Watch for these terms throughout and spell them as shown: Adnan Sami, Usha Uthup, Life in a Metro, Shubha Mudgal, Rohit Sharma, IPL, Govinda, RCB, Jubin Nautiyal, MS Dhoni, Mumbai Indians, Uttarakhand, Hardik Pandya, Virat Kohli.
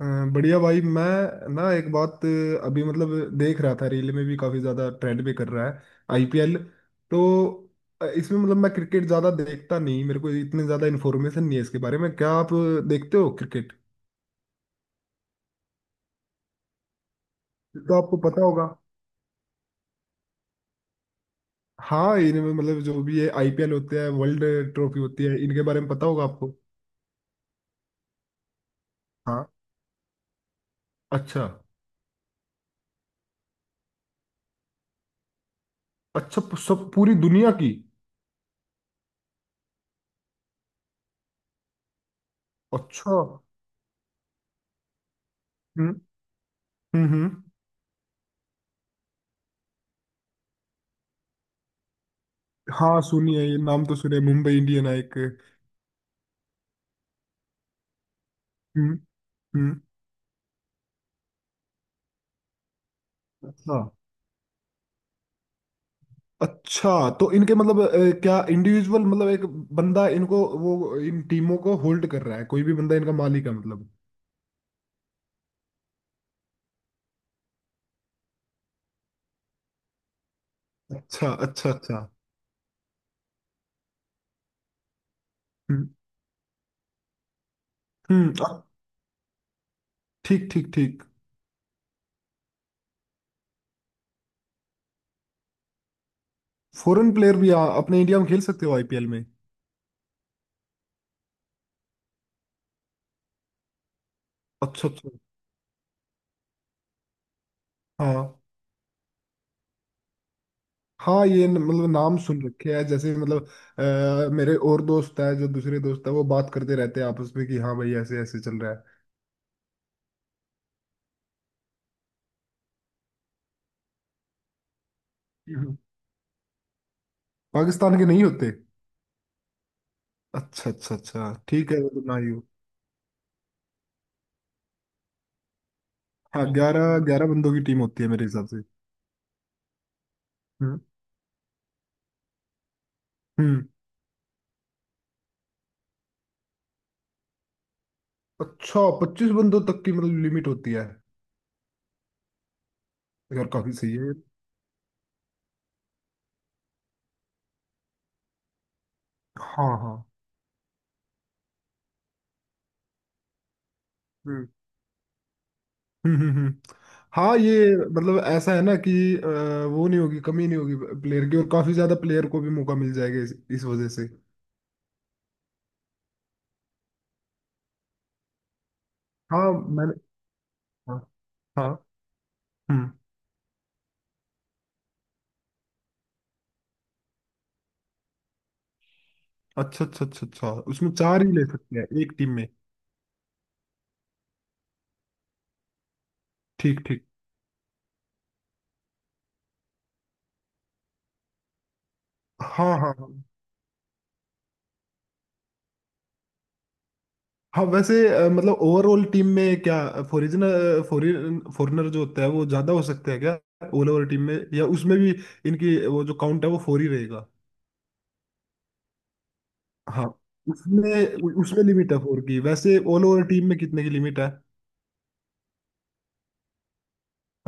अ, बढ़िया भाई मैं ना एक बात अभी मतलब देख रहा था, रील में भी काफी ज्यादा ट्रेंड भी कर रहा है आईपीएल। तो इसमें मतलब मैं क्रिकेट ज्यादा देखता नहीं, मेरे को इतने ज्यादा इन्फॉर्मेशन नहीं है इसके बारे में। क्या आप देखते हो क्रिकेट? तो आपको पता होगा। हाँ, इनमें मतलब जो भी ये आईपीएल होते हैं, वर्ल्ड ट्रॉफी होती है, इनके बारे में पता होगा आपको? हाँ। अच्छा। अच्छा, सब पूरी दुनिया की। अच्छा। हम्म हम्म हम्म। हाँ, सुनिए ये नाम तो सुने, मुंबई इंडियन है एक। हम्म हम्म। अच्छा अच्छा। तो इनके मतलब क्या इंडिविजुअल मतलब एक बंदा इनको, वो इन टीमों को होल्ड कर रहा है? कोई भी बंदा इनका मालिक है मतलब? अच्छा अच्छा अच्छा। हम्म हम्म, अ, ठीक ठीक ठीक। फॉरेन प्लेयर भी अपने इंडिया में खेल सकते हो आईपीएल में? अच्छा अच्छा। हाँ हाँ, ये मतलब नाम सुन रखे हैं, जैसे मतलब मेरे और दोस्त है, जो दूसरे दोस्त है वो बात करते रहते हैं आपस में कि हाँ भाई ऐसे ऐसे चल रहा है। हम्म। पाकिस्तान के नहीं होते? अच्छा अच्छा अच्छा। ठीक है, वो तो ना ही हो। हाँ, ग्यारह ग्यारह बंदों की टीम होती है मेरे हिसाब से। हम्म हम्म। अच्छा, 25 बंदों तक की मतलब लिमिट होती है? यार काफी सही है। हाँ हाँ। हम्म हम्म हम्म हम्म। हाँ ये मतलब ऐसा है ना कि अ, वो नहीं होगी, कमी नहीं होगी प्लेयर की, और काफी ज्यादा प्लेयर को भी मौका मिल जाएगा इस वजह से। हाँ। मैंने। हाँ हाँ। हम्म। अच्छा अच्छा अच्छा अच्छा, उसमें 4 ही ले सकते हैं एक टीम में? ठीक ठीक। हाँ हाँ हाँ। हाँ वैसे मतलब ओवरऑल टीम में क्या फॉरिजनर फॉरिन फॉरेनर जो होता है वो ज्यादा हो सकता है क्या? ओवरऑल टीम में, या उसमें भी इनकी वो जो काउंट है वो 4 ही रहेगा? हाँ उसमें उसमें लिमिट है 4 की, वैसे ऑल ओवर टीम में कितने की लिमिट है?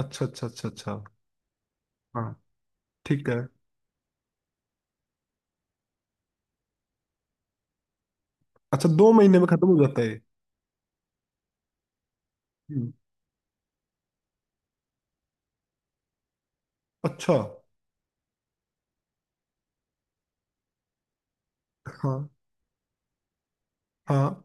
अच्छा अच्छा अच्छा अच्छा। हाँ ठीक है। अच्छा, 2 महीने में खत्म हो जाता है ये? हम्म। अच्छा। हाँ हाँ।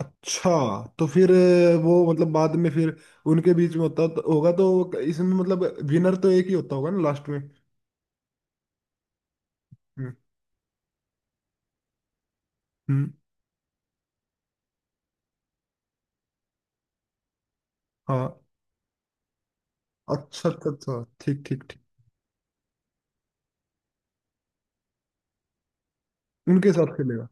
अच्छा, तो फिर वो मतलब बाद में फिर उनके बीच में होगा, तो इसमें मतलब विनर तो एक ही होता होगा ना लास्ट में। हम्म। हाँ। अच्छा अच्छा अच्छा। ठीक ठीक ठीक। उनके साथ खेलेगा?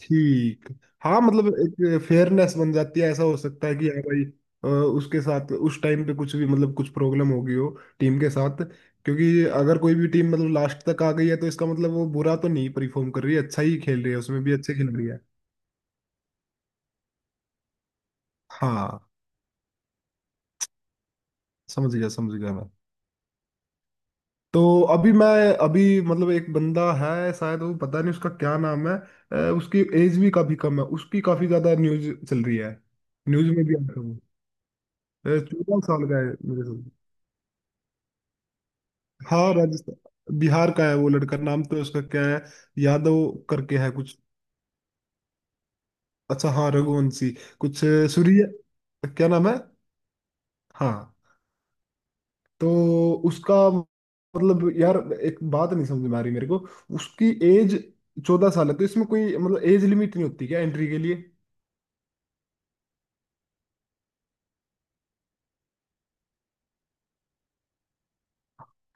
ठीक। हाँ मतलब एक फेयरनेस बन जाती है, ऐसा हो सकता है कि यार भाई उसके साथ उस टाइम पे कुछ भी मतलब कुछ प्रॉब्लम होगी हो टीम के साथ, क्योंकि अगर कोई भी टीम मतलब लास्ट तक आ गई है तो इसका मतलब वो बुरा तो नहीं परफॉर्म कर रही है, अच्छा ही खेल रही है, उसमें भी अच्छे खेल रही है। हाँ समझ गया मैं। तो अभी मैं, अभी मतलब एक बंदा है शायद, वो पता नहीं उसका क्या नाम है। उसकी एज भी काफी कम है, उसकी काफी ज्यादा न्यूज चल रही है, न्यूज में भी आता है वो। 14 साल का है मेरे साथ। हाँ, राजस्थान बिहार का है वो लड़का। नाम तो उसका क्या है, यादव करके है कुछ? अच्छा, हाँ रघुवंशी। कुछ सूर्य, क्या नाम है? हाँ। तो उसका मतलब यार एक बात नहीं समझ में आ रही मेरे को, उसकी एज 14 साल है तो इसमें कोई मतलब एज लिमिट नहीं होती क्या एंट्री के लिए?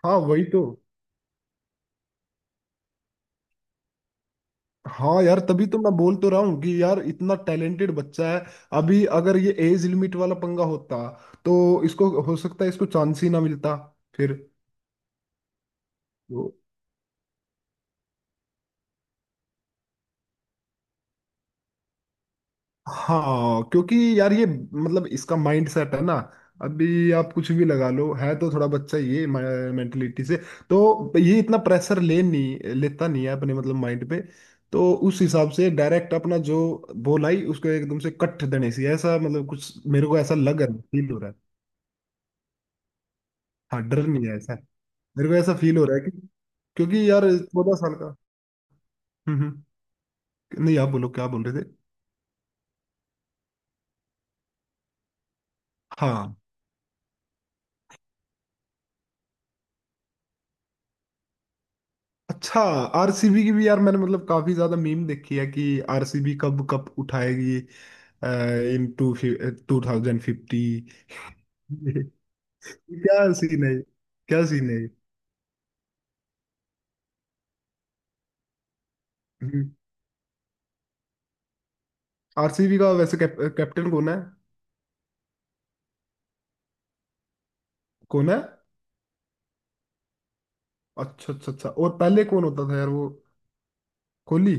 हाँ वही तो। हाँ यार, तभी तो मैं बोल तो रहा हूँ कि यार इतना टैलेंटेड बच्चा है। अभी अगर ये एज लिमिट वाला पंगा होता तो इसको हो सकता है इसको चांस ही ना मिलता फिर। तो, हाँ, क्योंकि यार ये मतलब इसका माइंड सेट है ना, अभी आप कुछ भी लगा लो, है तो थोड़ा बच्चा, ये मेंटलिटी से तो ये इतना प्रेशर ले नहीं लेता, नहीं है अपने मतलब माइंड पे। तो उस हिसाब से डायरेक्ट अपना जो बॉल आई उसको एकदम से कट देने से, ऐसा मतलब कुछ मेरे को ऐसा लग रहा, फील हो रहा है। हाँ डर नहीं है ऐसा। मेरे को ऐसा फील हो रहा है कि, क्योंकि यार 14 साल का। हम्म हम्म। नहीं आप बोलो, क्या बोल रहे थे? हाँ। अच्छा, आरसीबी की भी यार मैंने मतलब काफी ज्यादा मीम देखी है कि आरसीबी कब कप उठाएगी, इन टू 2050। क्या सीन है ये? क्या सीन है? आरसीबी का वैसे कैप्टन कौन है? कौन है? अच्छा अच्छा अच्छा। और पहले कौन होता था यार वो, कोहली?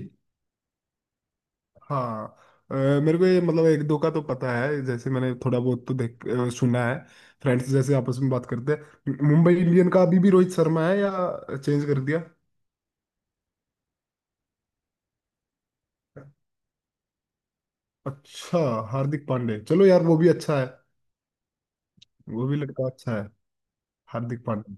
हाँ। अ, मेरे को ये मतलब एक दो का तो पता है, जैसे मैंने थोड़ा बहुत तो सुना है, फ्रेंड्स जैसे आपस में बात करते हैं। मुंबई इंडियन का अभी भी रोहित शर्मा है या चेंज कर दिया? अच्छा, हार्दिक पांडे चलो यार वो भी अच्छा है, वो भी लड़का अच्छा है। हार्दिक पांडे।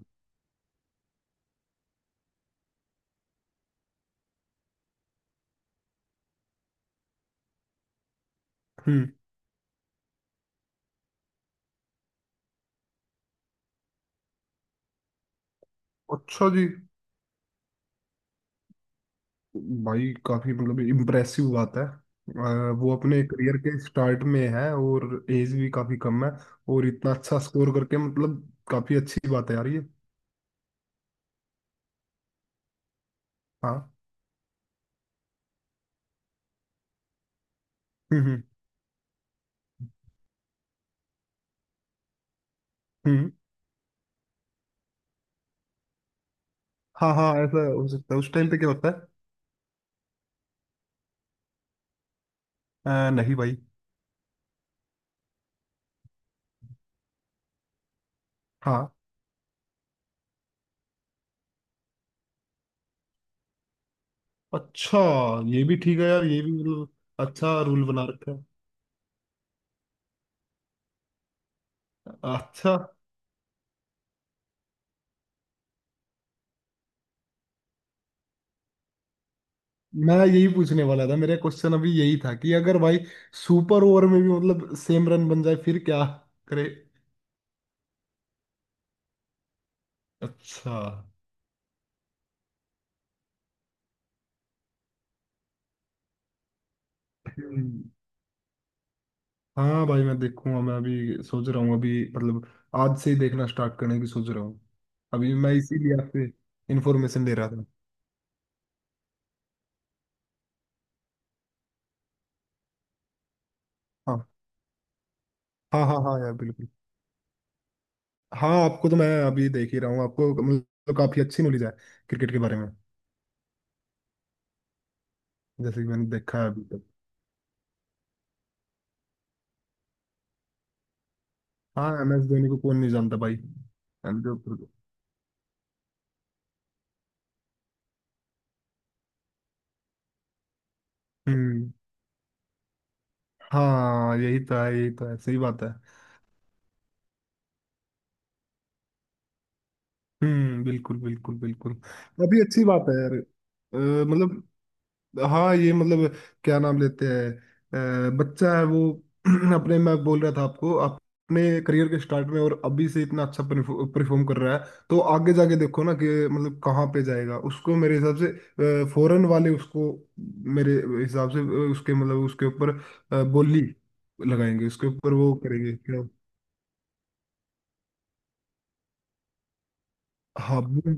हम्म। अच्छा जी। भाई काफी मतलब इम्प्रेसिव बात है, वो अपने करियर के स्टार्ट में है और एज भी काफी कम है, और इतना अच्छा स्कोर करके मतलब काफी अच्छी बात है यार ये। हाँ। हम्म हम्म हम्म। हाँ हाँ ऐसा हो सकता है, उस टाइम पे क्या होता है? नहीं भाई। हाँ। अच्छा, ये भी ठीक है यार, ये भी मतलब अच्छा रूल बना रखा है। अच्छा। मैं यही पूछने वाला था, मेरा क्वेश्चन अभी यही था कि अगर भाई सुपर ओवर में भी मतलब सेम रन बन जाए फिर क्या करे? अच्छा। हम्म, हाँ भाई मैं देखूंगा। मैं अभी सोच रहा हूँ, अभी मतलब आज से ही देखना स्टार्ट करने की सोच रहा हूँ। अभी मैं इसीलिए आपसे इन्फॉर्मेशन ले रहा था। हाँ हाँ हाँ। हाँ यार बिल्कुल। हाँ, आपको तो मैं अभी देख ही रहा हूँ, आपको मतलब काफी अच्छी नॉलेज है क्रिकेट के बारे में, जैसे कि मैंने देखा है अभी तक। हाँ, MS धोनी को कौन नहीं जानता भाई। And the- हम्म। हाँ यही तो है, यही तो है, सही बात है। बिल्कुल बिल्कुल बिल्कुल। अभी अच्छी बात है यार। मतलब हाँ ये मतलब क्या नाम लेते हैं बच्चा है वो अपने, मैं बोल रहा था आपको, अपने करियर के स्टार्ट में और अभी से इतना अच्छा परफॉर्म कर रहा है, तो आगे जाके देखो ना कि मतलब कहाँ पे जाएगा। उसको मेरे हिसाब से फॉरेन वाले, उसको मेरे हिसाब से उसके मतलब उसके ऊपर बोली लगाएंगे, उसके ऊपर वो करेंगे क्या। हाँ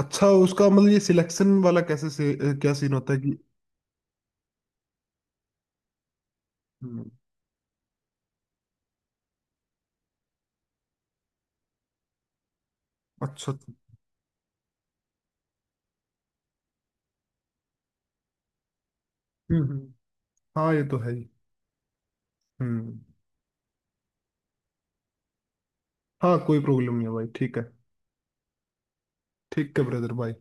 अच्छा, उसका मतलब ये सिलेक्शन वाला कैसे से क्या सीन होता है कि। हम्म, अच्छा अच्छा। हम्म हम्म, हाँ ये तो है ही। हम्म। हाँ कोई प्रॉब्लम नहीं है भाई, ठीक है। ठीक है ब्रदर भाई।